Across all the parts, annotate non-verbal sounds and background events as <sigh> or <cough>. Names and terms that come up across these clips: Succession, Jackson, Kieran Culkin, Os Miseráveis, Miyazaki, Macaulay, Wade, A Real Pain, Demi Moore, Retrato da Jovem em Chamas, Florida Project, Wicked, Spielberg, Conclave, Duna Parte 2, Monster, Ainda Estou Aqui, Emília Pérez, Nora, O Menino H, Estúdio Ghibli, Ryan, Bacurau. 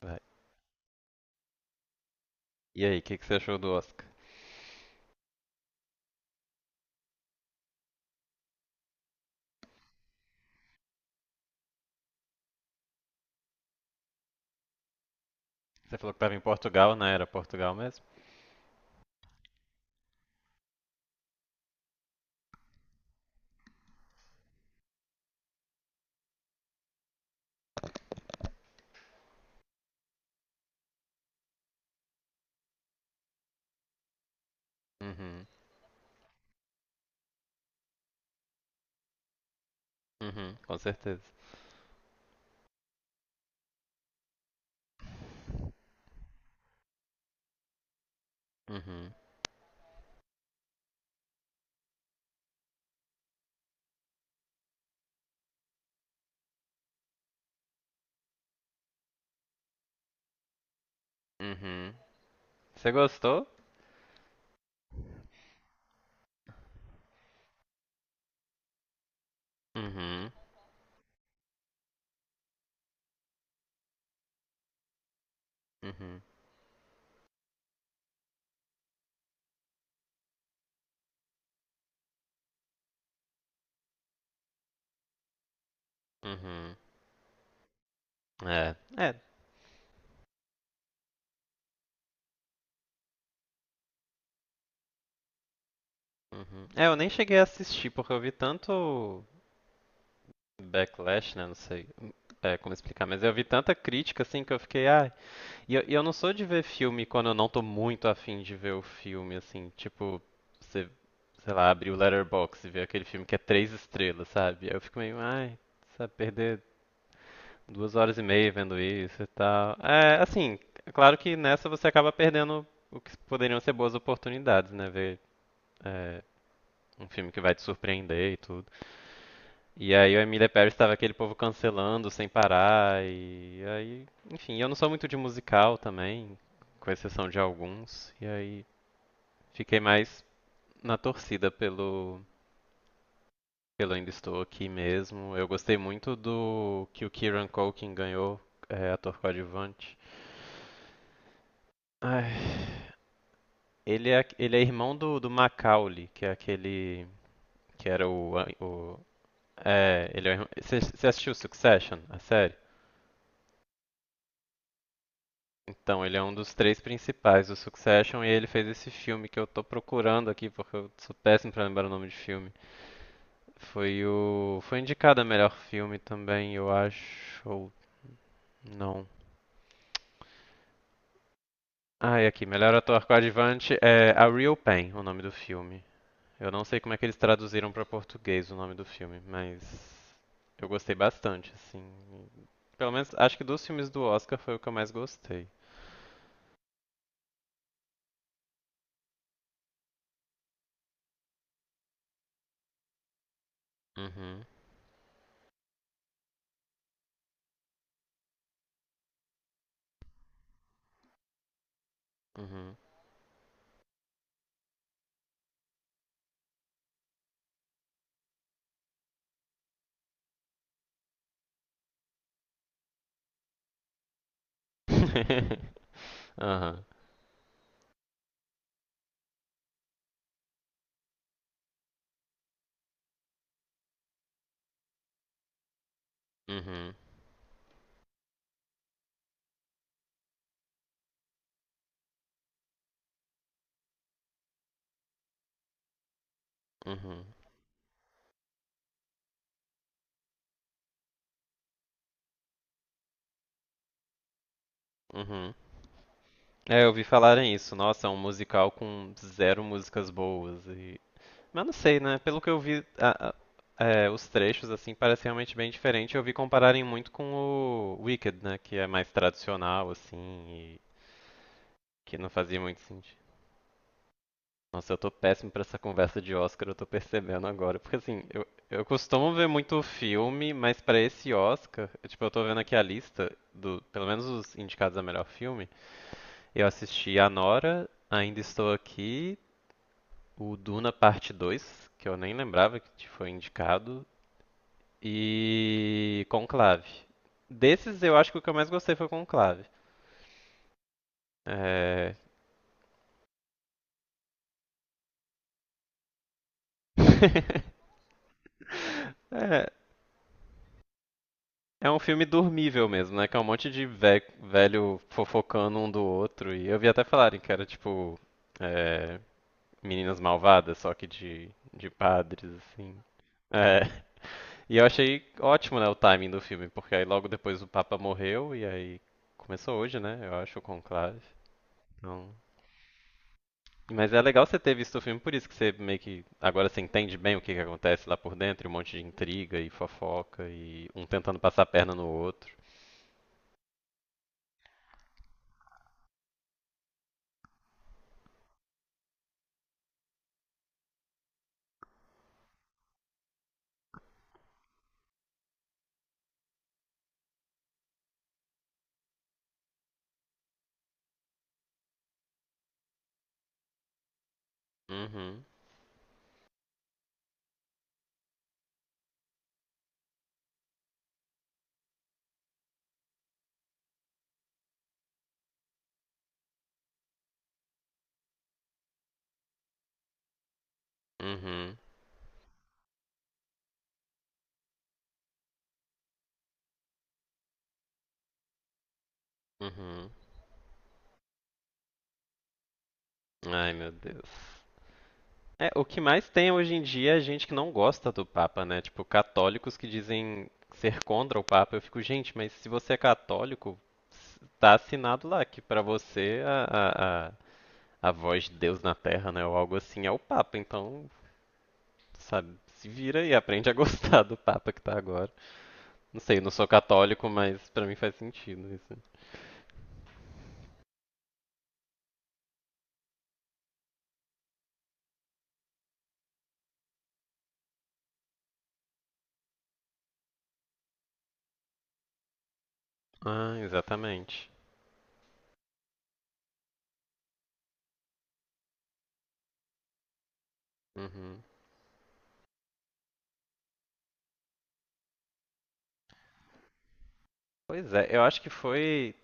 Vai. E aí, o que, que você achou do Oscar? Você falou que tava em Portugal, né? Era Portugal mesmo? Uhum. Uhum, com certeza. Uhum. Uhum. Você gostou? Uhum. Uhum. Uhum. É. É. Uhum. É, eu nem cheguei a assistir porque eu vi tanto backlash, né? Não sei como explicar, mas eu vi tanta crítica assim que eu fiquei, ah, e eu não sou de ver filme quando eu não tô muito afim de ver o filme, assim, tipo, você, sei lá, abrir o Letterboxd e ver aquele filme que é três estrelas, sabe? Aí eu fico meio, ai, sabe, perder 2 horas e meia vendo isso e tal. É, assim, é claro que nessa você acaba perdendo o que poderiam ser boas oportunidades, né? Ver, é, um filme que vai te surpreender e tudo. E aí o Emília Pérez estava aquele povo cancelando sem parar e aí, enfim, eu não sou muito de musical também, com exceção de alguns, e aí fiquei mais na torcida pelo Ainda Estou Aqui mesmo. Eu gostei muito do que o Kieran Culkin ganhou, ator coadjuvante. Ai, ele é irmão do Macaulay, que é aquele que era o. o é, ele é, você você assistiu Succession, a série? Então, ele é um dos três principais do Succession e ele fez esse filme que eu tô procurando aqui porque eu sou péssimo pra lembrar o nome de filme. Foi indicado a melhor filme também, eu acho. Ou não. Ah, e aqui, melhor ator coadjuvante é A Real Pain, o nome do filme. Eu não sei como é que eles traduziram pra português o nome do filme, mas eu gostei bastante, assim. Pelo menos acho que dos filmes do Oscar foi o que eu mais gostei. Uhum. Uhum. <laughs> Uhum. Uhum. Uhum. É, eu ouvi falarem isso. Nossa, é um musical com zero músicas boas. E... Mas não sei, né? Pelo que eu vi, os trechos, assim, parece realmente bem diferente. Eu vi compararem muito com o Wicked, né? Que é mais tradicional, assim, e que não fazia muito sentido. Nossa, eu tô péssimo pra essa conversa de Oscar, eu tô percebendo agora. Porque, assim, eu costumo ver muito filme, mas pra esse Oscar, tipo, eu tô vendo aqui a lista do, pelo menos os indicados a melhor filme. Eu assisti a Nora, Ainda Estou Aqui, o Duna Parte 2, que eu nem lembrava que foi indicado, e Conclave. Desses, eu acho que o que eu mais gostei foi Conclave. É. <laughs> é, é um filme dormível mesmo, né? Que é um monte de velho fofocando um do outro. E eu vi até falarem que era tipo é, meninas malvadas, só que de padres, assim. É. E eu achei ótimo, né, o timing do filme, porque aí logo depois o Papa morreu e aí começou hoje, né, eu acho, o conclave. Então. Mas é legal você ter visto o filme, por isso que você meio que agora você entende bem o que, que acontece lá por dentro, e um monte de intriga e fofoca e um tentando passar a perna no outro. Uhum, uhum, uhum. Ai, meu Deus. É, o que mais tem hoje em dia é gente que não gosta do Papa, né? Tipo, católicos que dizem ser contra o Papa. Eu fico, gente, mas se você é católico, tá assinado lá que pra você a, a voz de Deus na Terra, né, ou algo assim, é o Papa. Então, sabe, se vira e aprende a gostar do Papa que tá agora. Não sei, eu não sou católico, mas pra mim faz sentido isso. Ah, exatamente. Uhum. Pois é, eu acho que foi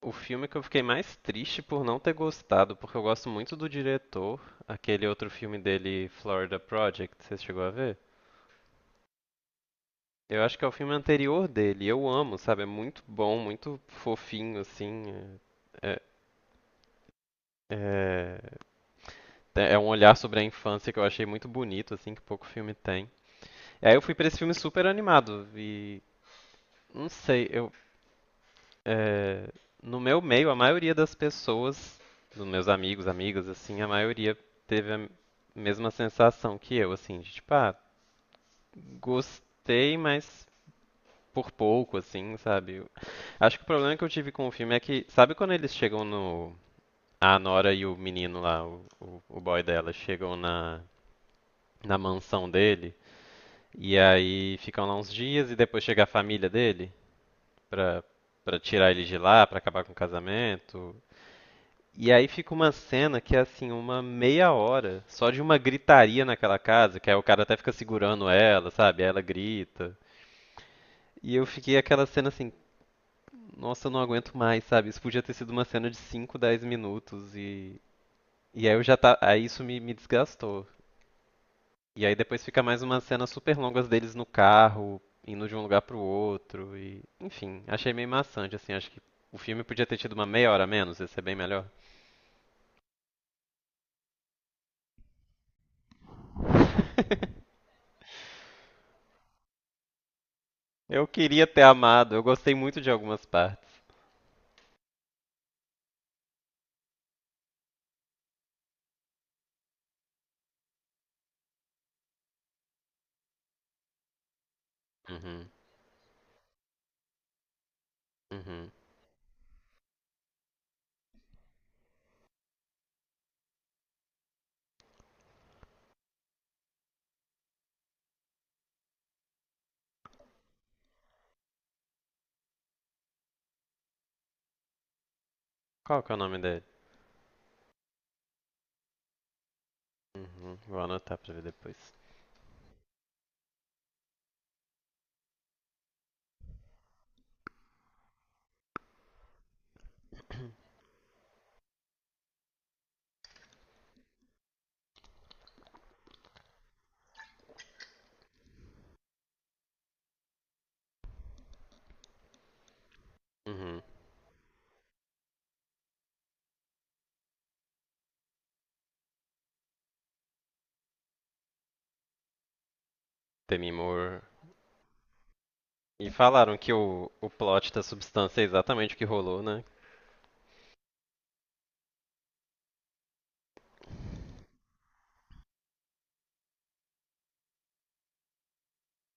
o filme que eu fiquei mais triste por não ter gostado, porque eu gosto muito do diretor, aquele outro filme dele, Florida Project, você chegou a ver? Eu acho que é o filme anterior dele. Eu amo, sabe? É muito bom, muito fofinho, assim. É, é, é um olhar sobre a infância que eu achei muito bonito, assim, que pouco filme tem. E aí eu fui pra esse filme super animado e não sei, é, no meu meio a maioria das pessoas, dos meus amigos, amigas, assim, a maioria teve a mesma sensação que eu, assim, de tipo, ah, gostei, mas por pouco, assim, sabe? Acho que o problema que eu tive com o filme é que, sabe quando eles chegam no. A Nora e o menino lá, o boy dela, chegam na mansão dele, e aí ficam lá uns dias e depois chega a família dele pra, pra tirar ele de lá, pra acabar com o casamento. E aí fica uma cena que é assim, uma meia hora só de uma gritaria naquela casa, que aí o cara até fica segurando ela, sabe? Aí ela grita. E eu fiquei aquela cena assim, nossa, eu não aguento mais, sabe? Isso podia ter sido uma cena de 5 10 minutos. E aí eu já tá. Aí isso me desgastou. E aí depois fica mais umas cenas super longas deles no carro, indo de um lugar pro outro. E. Enfim, achei meio maçante, assim. Acho que o filme podia ter tido uma meia hora a menos, ia ser bem melhor. <laughs> Eu queria ter amado, eu gostei muito de algumas partes. Uhum, uhum. Qual que é o nome dele? Uhum, vou anotar pra ver depois. Uhum. Demi Moore, e falaram que o plot da substância é exatamente o que rolou, né?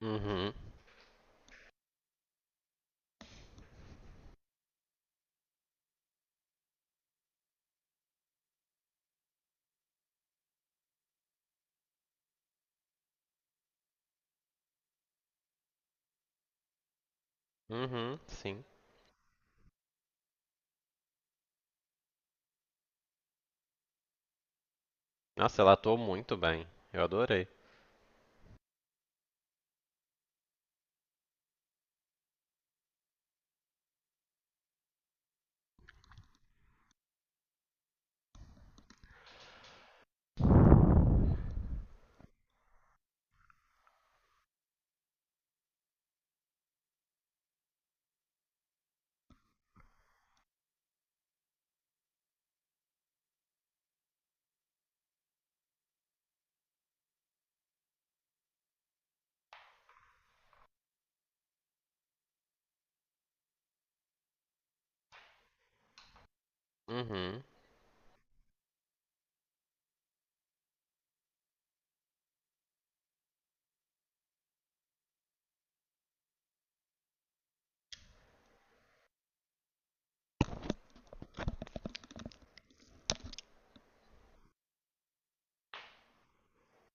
Uhum. Uhum, sim. Nossa, ela atuou muito bem. Eu adorei. Uhum.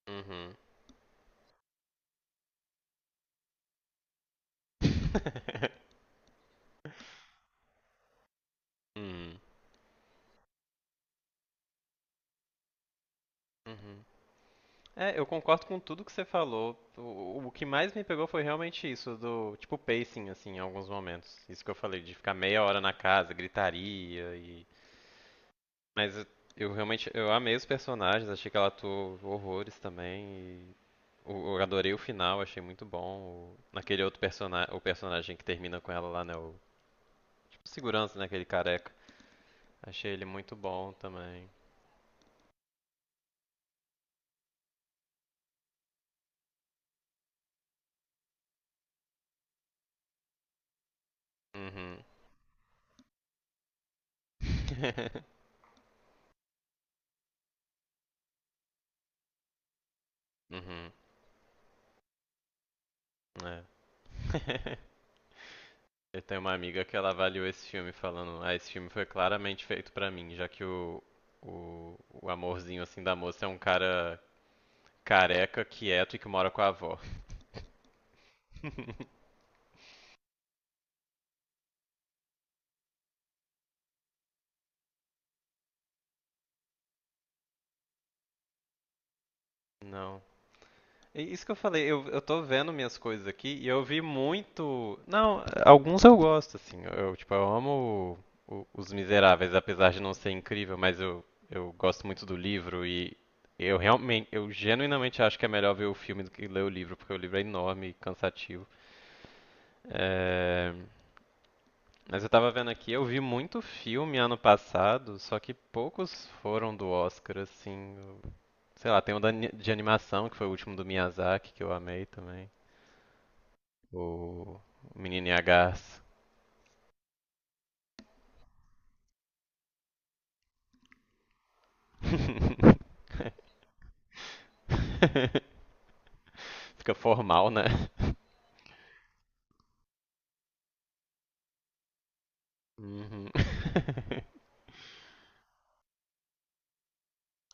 Uhum. <laughs> Hum, uhum. É, eu concordo com tudo que você falou. O que mais me pegou foi realmente isso, do tipo pacing, assim, em alguns momentos. Isso que eu falei, de ficar meia hora na casa, gritaria. E. Mas eu realmente eu amei os personagens, achei que ela atuou horrores também. Eu adorei o final, achei muito bom. Naquele outro personagem, o personagem que termina com ela lá, né? O tipo, segurança, né? Aquele careca. Achei ele muito bom também. Uhum. <laughs> Uhum. É. <laughs> Eu tenho uma amiga que ela avaliou esse filme falando, ah, esse filme foi claramente feito pra mim, já que o, o amorzinho assim da moça é um cara careca, quieto e que mora com a avó. <laughs> Não, é isso que eu falei, eu tô vendo minhas coisas aqui e eu vi muito. Não, alguns eu gosto, assim. Tipo, eu amo Os Miseráveis, apesar de não ser incrível, mas eu gosto muito do livro e eu realmente, eu genuinamente acho que é melhor ver o filme do que ler o livro, porque o livro é enorme e cansativo. É, mas eu tava vendo aqui, eu vi muito filme ano passado, só que poucos foram do Oscar, assim. Sei lá, tem um de animação, que foi o último do Miyazaki, que eu amei também. O menino H. <laughs> Fica formal, né? Uhum. <laughs>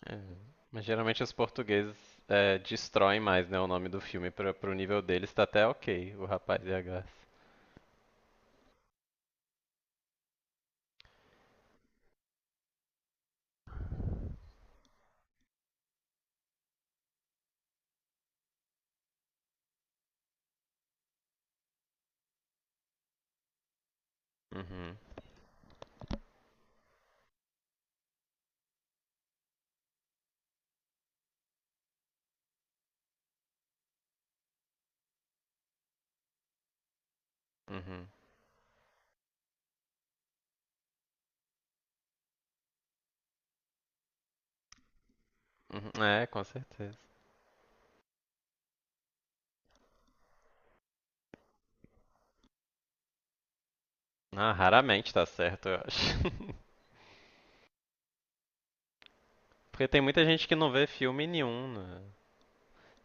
É. Mas geralmente os portugueses destroem mais, né, o nome do filme pro nível deles tá até ok, o rapaz e a. Uhum, uhum, uhum. É, com certeza. Ah, raramente tá certo, eu acho. <laughs> Porque tem muita gente que não vê filme nenhum, né?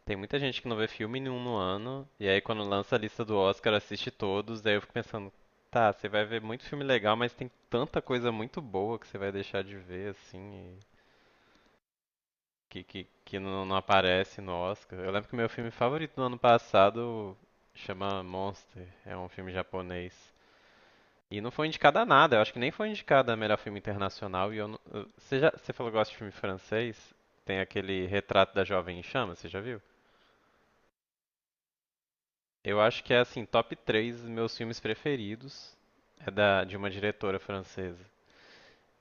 Tem muita gente que não vê filme nenhum no ano, e aí quando lança a lista do Oscar, assiste todos, daí eu fico pensando, tá, você vai ver muito filme legal, mas tem tanta coisa muito boa que você vai deixar de ver, assim, e que não aparece no Oscar. Eu lembro que meu filme favorito do ano passado chama Monster, é um filme japonês. E não foi indicado a nada, eu acho que nem foi indicado a melhor filme internacional, e eu não. Você falou que gosta de filme francês? Tem aquele Retrato da Jovem em Chamas, você já viu? Eu acho que é assim, top 3 meus filmes preferidos. É de uma diretora francesa.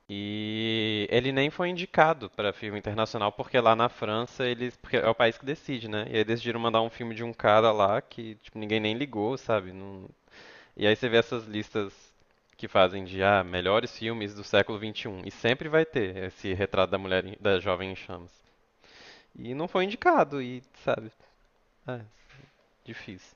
E ele nem foi indicado para filme internacional, porque lá na França eles. Porque é o país que decide, né? E aí decidiram mandar um filme de um cara lá que tipo, ninguém nem ligou, sabe? E aí você vê essas listas que fazem de ah, melhores filmes do século XXI e sempre vai ter esse retrato da jovem em chamas. E não foi indicado, e sabe? É, difícil.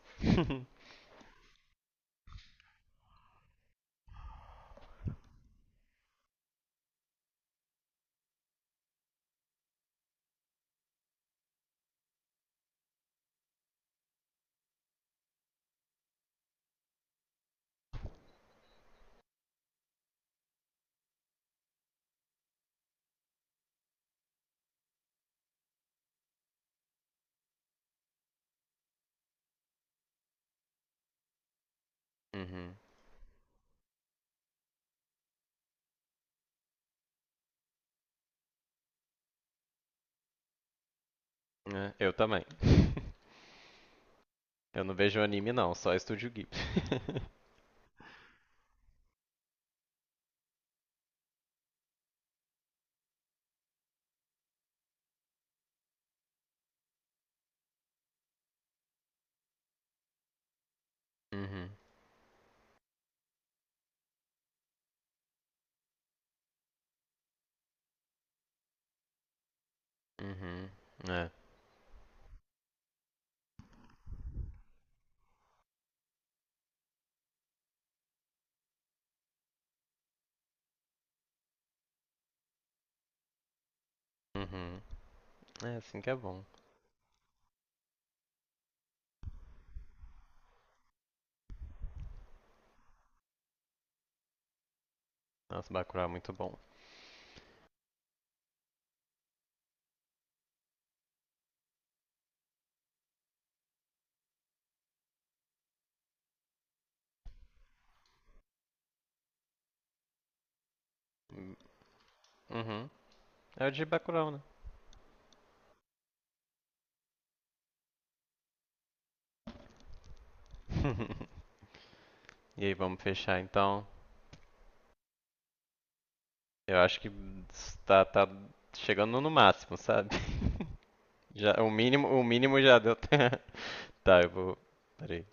Uhum. É, eu também. <laughs> Eu não vejo anime não, só Estúdio Ghibli. <laughs> Uhum, uhum, é, uhum. É assim que é bom. Nossa, Bacurau é muito bom. Uhum, é o de Bacurau, né? <laughs> E aí, vamos fechar então. Eu acho que tá chegando no máximo, sabe? Já, o mínimo já deu. <laughs> Tá, eu vou. Peraí.